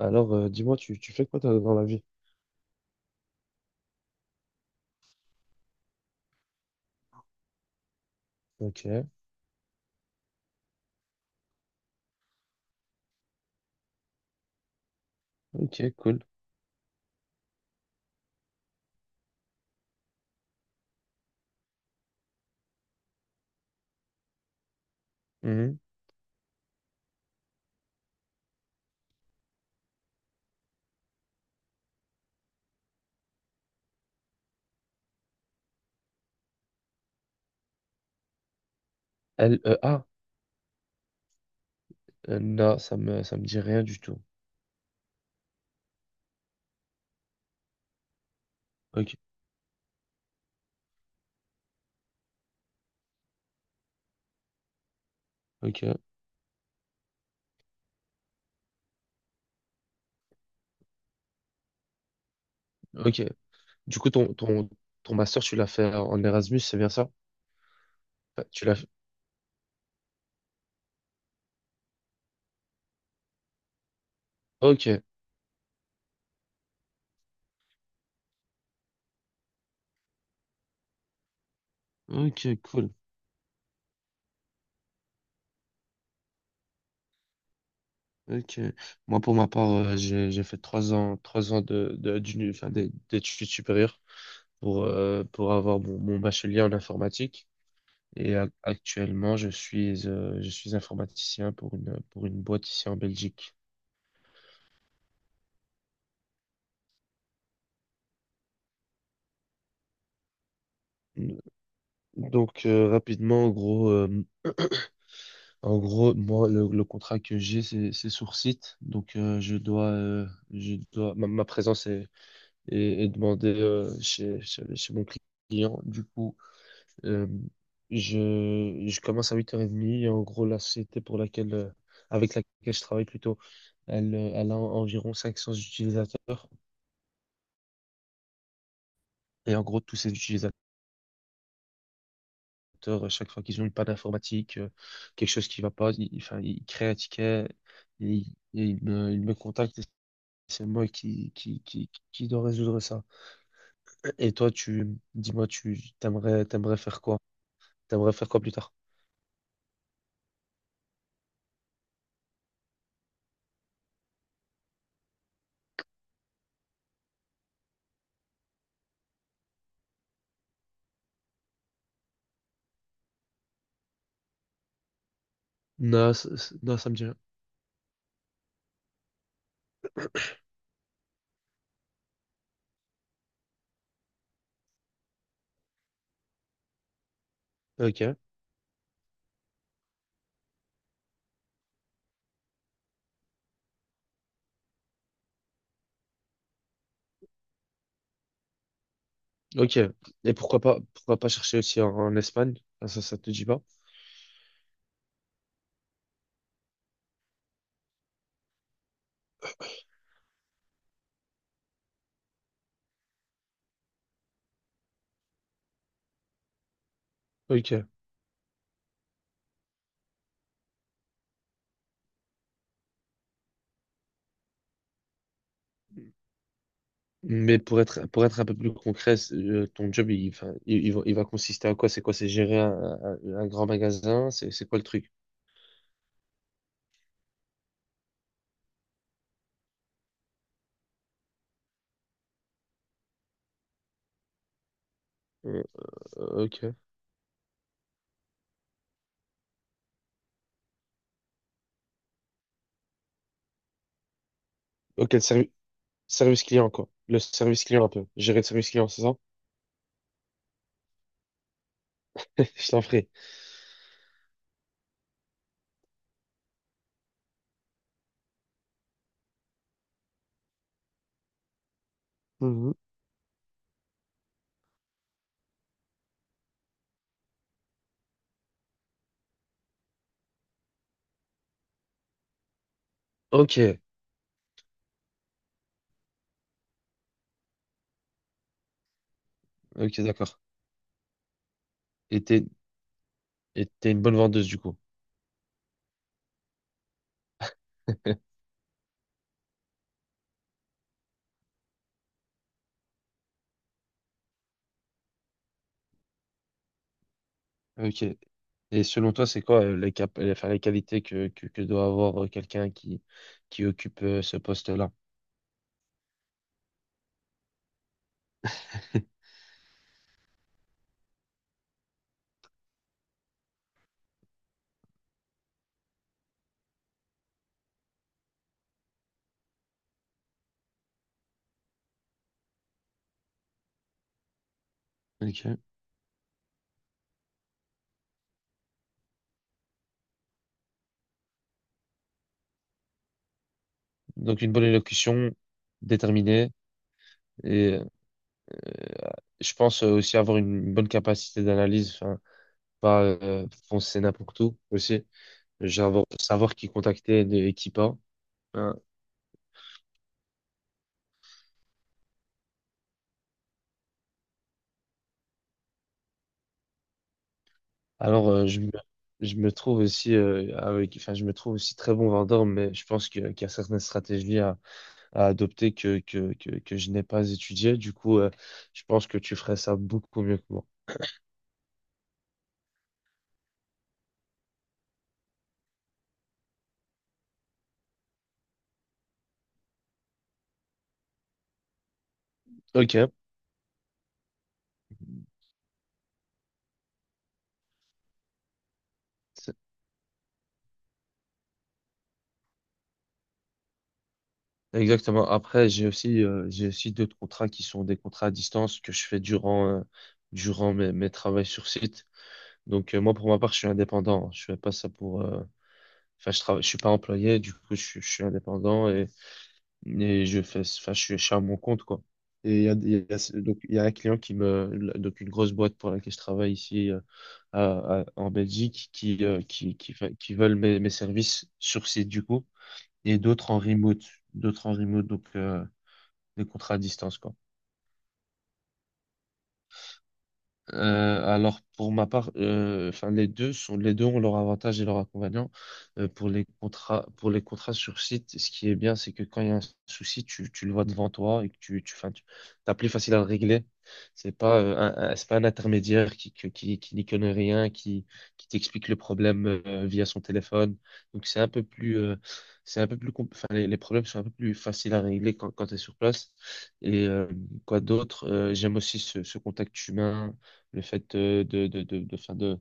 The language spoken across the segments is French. Alors, dis-moi, tu fais quoi toi, dans la vie? Ok, ok, cool. Mhm. L, E, A? Non, ça me dit rien du tout. Ok, ok, ok. Du coup, ton master, tu l'as fait en Erasmus, c'est bien ça? Enfin, tu l'as fait. Ok, ok, cool. Ok. Moi, pour ma part, j'ai fait 3 ans, 3 ans d'enfin, d'd'études supérieures pour avoir mon bachelier en informatique. Et actuellement, je suis informaticien pour une boîte ici en Belgique. Donc rapidement, en gros, moi le contrat que j'ai c'est sur site, donc je dois, ma présence est demandée chez mon client. Du coup, euh, je commence à huit heures 30 et en gros la société pour laquelle avec laquelle je travaille plutôt, elle elle a environ 500 utilisateurs et en gros tous ces utilisateurs ordinateurs, chaque fois qu'ils ont une panne informatique, quelque chose qui va pas, ils, enfin, ils créent un ticket, ils me contactent et c'est moi qui dois résoudre ça. Et toi, tu, dis-moi, t'aimerais faire quoi? T'aimerais faire quoi plus tard? Non, non, ça me dit rien. Ok, ok. Et pourquoi pas chercher aussi en, en Espagne? Ah, ça te dit pas? Ok. Mais pour être un peu plus concret, c'est, ton job, il, enfin, il va consister à quoi? C'est quoi? C'est gérer un, un grand magasin? C'est quoi le truc? Euh, ok. Ok, service client, quoi. Le service client, un peu. Gérer le service client, c'est ça? Je t'en ferai. Mhm. Ok, ok, d'accord. Et t'es, et t'es une bonne vendeuse, du coup. Ok. Et selon toi, c'est quoi enfin, les qualités que doit avoir quelqu'un qui occupe ce poste-là? Ok. Donc, une bonne élocution, déterminée, et euh, je pense aussi avoir une bonne capacité d'analyse, enfin, pas foncer n'importe où aussi. J'adore savoir qui contacter de Equipa. Hein. Alors, je me trouve aussi, avec, enfin, je me trouve aussi très bon vendeur, mais je pense que, qu'il y a certaines stratégies à adopter que je n'ai pas étudiées. Du coup, je pense que tu ferais ça beaucoup mieux que moi. Ok, C'est- exactement. Après, j'ai aussi d'autres contrats qui sont des contrats à distance que je fais durant, durant mes travaux sur site. Donc, moi, pour ma part, je suis indépendant. Je fais pas ça pour, enfin, je travaille, je suis pas employé, du coup, je suis indépendant et je fais, enfin, je suis à mon compte, quoi. Et donc, il y a un client qui me, donc, une grosse boîte pour laquelle je travaille ici, en Belgique, qui, qui veulent mes, mes services sur site, du coup, et d'autres en remote, donc, des contrats à distance, quoi. Alors pour ma part, enfin les deux ont leurs avantages et leurs inconvénients. Pour les contrats sur site, ce qui est bien, c'est que quand il y a un souci, tu le vois devant toi et que enfin, tu t'as plus facile à le régler. C'est pas un, c'est pas un intermédiaire qui n'y connaît rien, qui t'explique le problème via son téléphone. Donc c'est un peu plus enfin les problèmes sont un peu plus faciles à régler quand tu es sur place. Et quoi d'autre? J'aime aussi ce, ce contact humain, le fait enfin, de,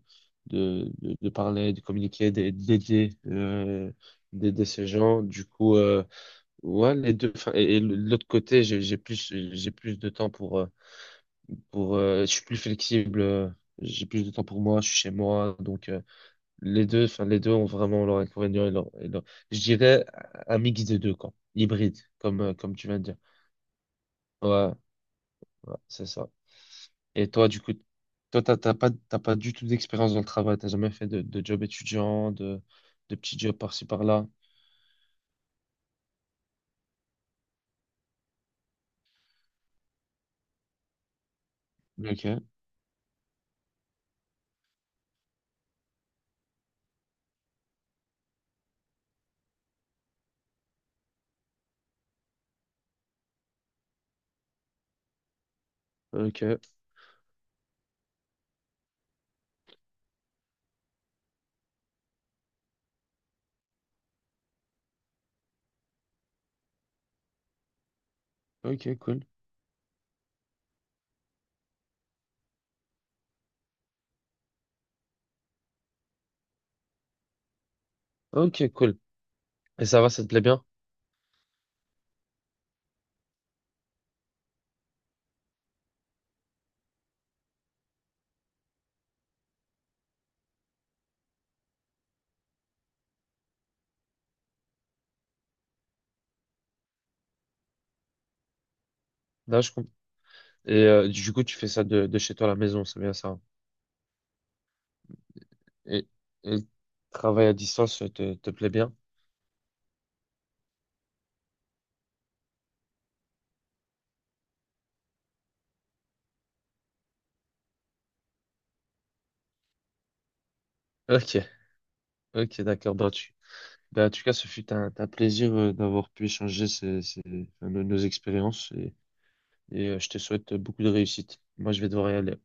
de, de, de parler, de communiquer, d'aider, d'aider euh, d'aider ces gens. Du coup, ouais, les deux. Enfin, et de l'autre côté, j'ai plus de temps pour, je suis plus flexible. J'ai plus de temps pour moi, je suis chez moi, donc les deux, enfin les deux ont vraiment leur inconvénient je dirais un mix des deux, quoi, hybride, comme comme tu viens de dire. Ouais, ouais, c'est ça. Et toi, du coup, toi, t'as pas du tout d'expérience dans le travail, t'as jamais fait de job étudiant, de petits jobs par-ci par-là. Ok, ok, ok, cool. Ok, cool. Et ça va, ça te plaît bien? Là, je comprends. Et du coup, tu fais ça de chez toi à la maison, c'est bien ça, hein? Et, et le travail à distance te plaît bien? Ok, ok, d'accord. Ben, ben, en tout cas, ce fut un plaisir d'avoir pu échanger enfin, nos, nos expériences. Et je te souhaite beaucoup de réussite. Moi, je vais devoir y aller.